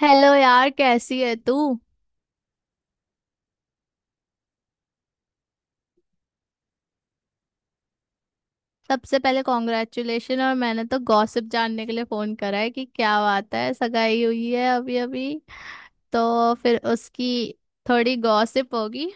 Hello यार, कैसी है तू। सबसे पहले कॉन्ग्रेचुलेशन। और मैंने तो गॉसिप जानने के लिए फोन करा है कि क्या बात है, सगाई हुई है अभी अभी, तो फिर उसकी थोड़ी गॉसिप होगी।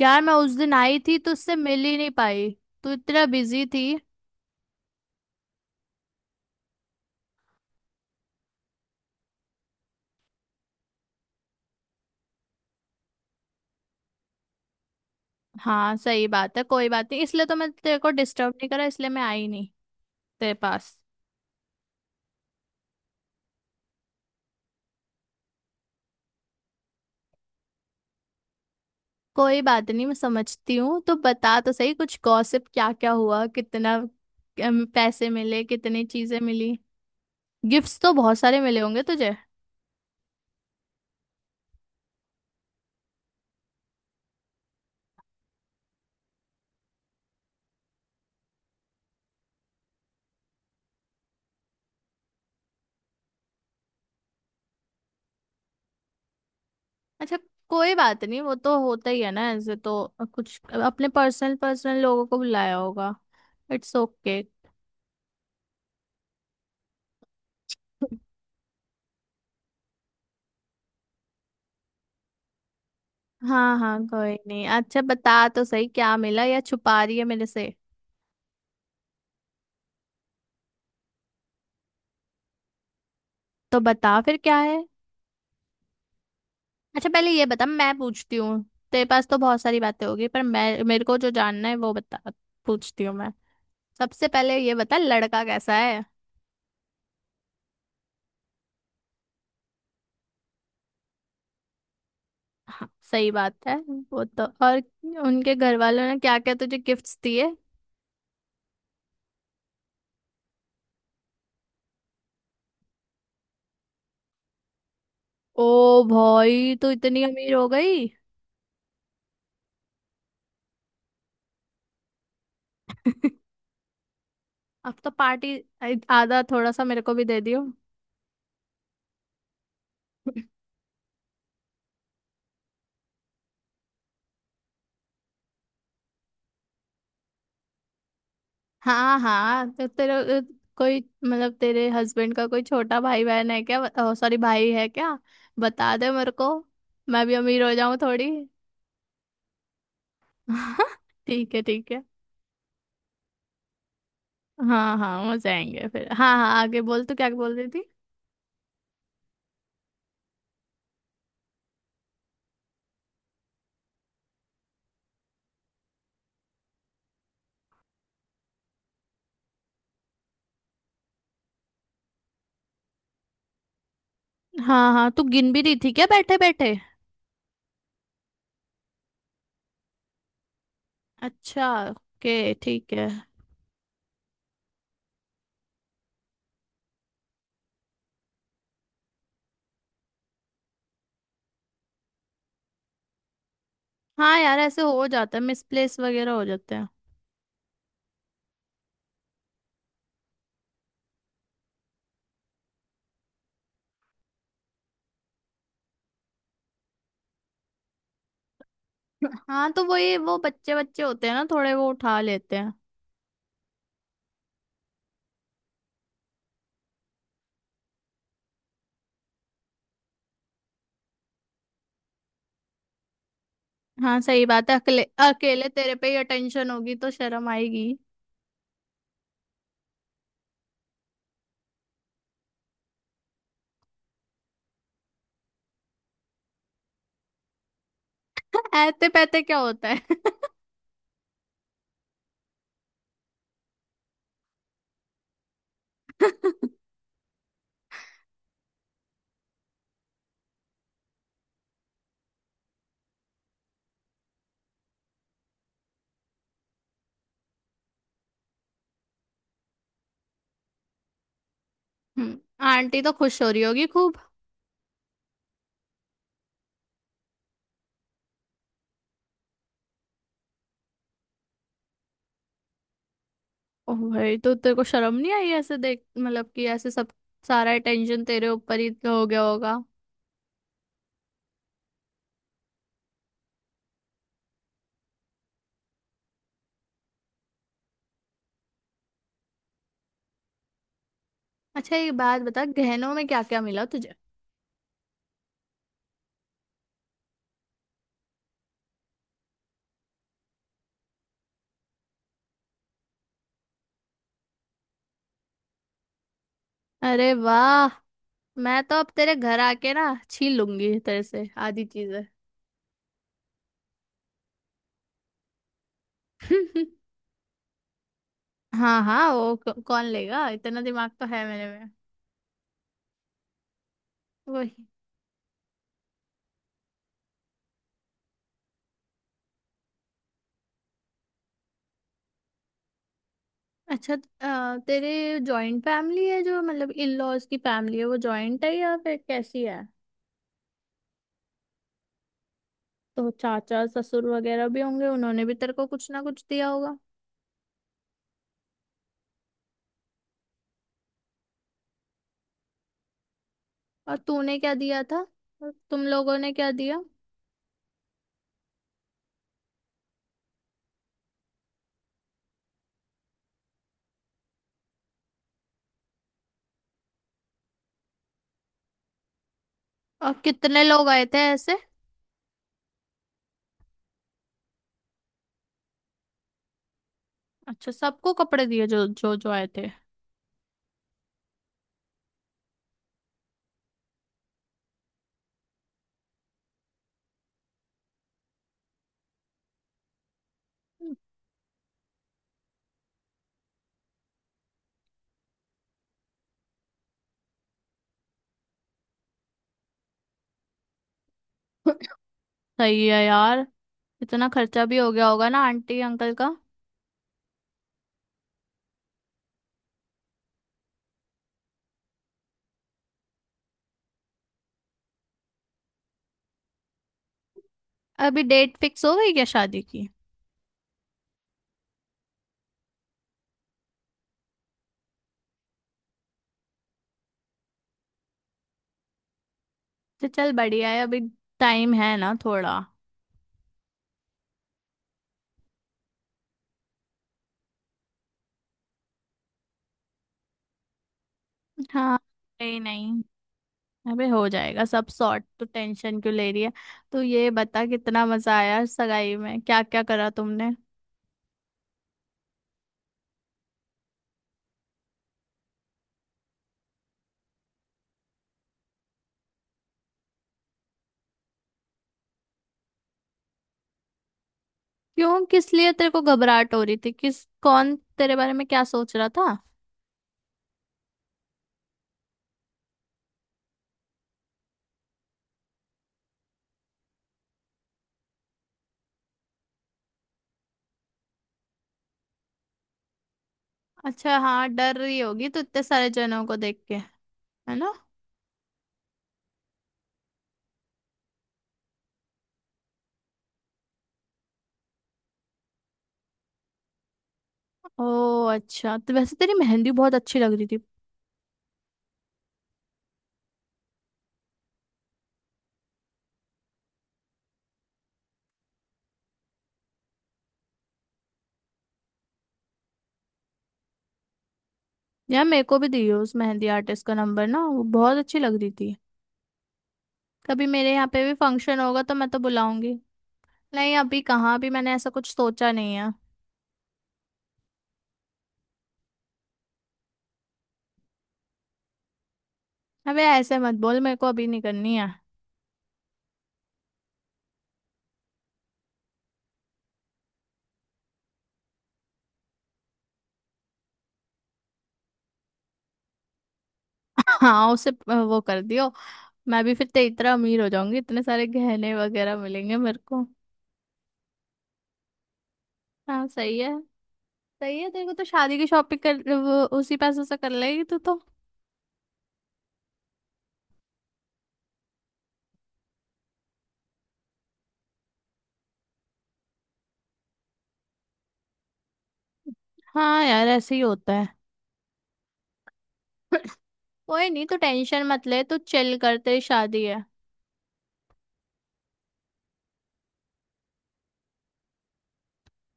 यार मैं उस दिन आई थी तो उससे मिल ही नहीं पाई। तू इतना बिजी थी। हाँ सही बात है, कोई बात नहीं, इसलिए तो मैं तेरे को डिस्टर्ब नहीं करा, इसलिए मैं आई नहीं तेरे पास। कोई बात नहीं, मैं समझती हूँ। तो बता तो सही, कुछ गॉसिप, क्या क्या हुआ, कितना पैसे मिले, कितनी चीजें मिली। गिफ्ट्स तो बहुत सारे मिले होंगे तुझे। अच्छा, कोई बात नहीं, वो तो होता ही है ना, ऐसे तो कुछ अपने पर्सनल पर्सनल लोगों को बुलाया होगा। It's okay. हाँ हाँ, कोई नहीं। अच्छा बता तो सही, क्या मिला, या छुपा रही है मेरे से। तो बता फिर क्या है। अच्छा पहले ये बता, मैं पूछती हूँ। तेरे पास तो बहुत सारी बातें होगी, पर मैं, मेरे को जो जानना है वो बता, पूछती हूँ मैं। सबसे पहले ये बता, लड़का कैसा है। हाँ सही बात है, वो तो। और उनके घर वालों ने क्या क्या तुझे गिफ्ट्स दिए। ओ भाई, तू इतनी अमीर हो गई। अब तो पार्टी। आधा थोड़ा सा मेरे को भी दे दियो। हाँ हाँ, तो तेरे कोई, मतलब तेरे हस्बैंड का कोई छोटा भाई बहन है क्या, सॉरी भाई है क्या। बता दे मेरे को, मैं भी अमीर हो जाऊं थोड़ी। ठीक है ठीक है। हाँ हाँ हो जाएंगे फिर। हाँ हाँ, आगे बोल, तू क्या बोल रही थी। हाँ हाँ, तू गिन भी रही थी क्या बैठे बैठे। अच्छा ओके, ठीक है। हाँ यार, ऐसे हो जाता है, मिसप्लेस वगैरह हो जाते हैं। हाँ तो वो, ये वो बच्चे बच्चे होते हैं ना थोड़े, वो उठा लेते हैं। हाँ सही बात है, अकेले, अकेले तेरे पे ही अटेंशन होगी तो शर्म आएगी। ऐते पैते क्या होता है। हम्म, आंटी तो खुश हो रही होगी खूब। ओ भाई, तो तेरे को शर्म नहीं आई ऐसे, देख मतलब कि ऐसे सब, सारा अटेंशन तेरे ऊपर ही तो हो गया होगा। अच्छा ये बात बता, गहनों में क्या क्या मिला तुझे। अरे वाह। मैं तो अब तेरे घर आके ना छीन लूंगी तेरे से आधी चीजें। हाँ हाँ, वो कौन लेगा, इतना दिमाग तो है मेरे में। वही। अच्छा, तेरे जॉइंट फैमिली है जो, मतलब इन लॉज की फैमिली है वो जॉइंट है, या फिर कैसी है। तो चाचा ससुर वगैरह भी होंगे, उन्होंने भी तेरे को कुछ ना कुछ दिया होगा। और तूने क्या दिया था। और तुम लोगों ने क्या दिया। और कितने लोग आए थे ऐसे। अच्छा, सबको कपड़े दिए जो जो जो आए थे। सही है यार। इतना खर्चा भी हो गया होगा ना आंटी अंकल का। अभी डेट फिक्स हो गई क्या शादी की। तो चल बढ़िया है, अभी टाइम है ना थोड़ा। हाँ। नहीं नहीं, अबे हो जाएगा सब सॉर्ट, तो टेंशन क्यों ले रही है। तो ये बता, कितना मजा आया सगाई में, क्या क्या करा तुमने। क्यों, किस लिए तेरे को घबराहट हो रही थी, किस, कौन तेरे बारे में क्या सोच रहा था। अच्छा हाँ, डर रही होगी तो, इतने सारे जनों को देख के, है ना। ओ अच्छा, तो वैसे तेरी मेहंदी बहुत अच्छी लग रही थी। यार मेरे को भी दी हो उस मेहंदी आर्टिस्ट का नंबर ना, वो बहुत अच्छी लग रही थी। कभी मेरे यहाँ पे भी फंक्शन होगा तो मैं तो बुलाऊंगी। नहीं, अभी कहाँ, भी मैंने ऐसा कुछ सोचा नहीं है। अबे ऐसे मत बोल, मेरे को अभी नहीं करनी है। हाँ उसे, वो कर दियो, मैं भी फिर ते इतना अमीर हो जाऊंगी, इतने सारे गहने वगैरह मिलेंगे मेरे को। हाँ सही है। सही है, तेरे को तो शादी की शॉपिंग, कर वो उसी पैसों से कर लेगी तू तो। हाँ यार, ऐसे ही होता है। कोई नहीं, तू टेंशन मत ले, तू चिल कर, तेरी शादी है।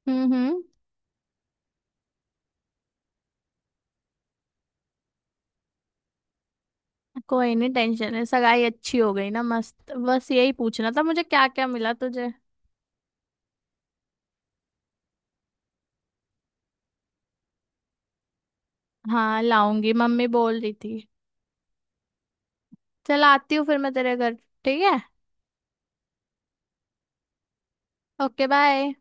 हम्म। कोई नहीं, टेंशन है सगाई अच्छी हो गई ना, मस्त, बस यही पूछना था मुझे क्या क्या मिला तुझे। हाँ लाऊंगी, मम्मी बोल रही थी। चल आती हूँ फिर मैं तेरे घर। ठीक है। Okay bye.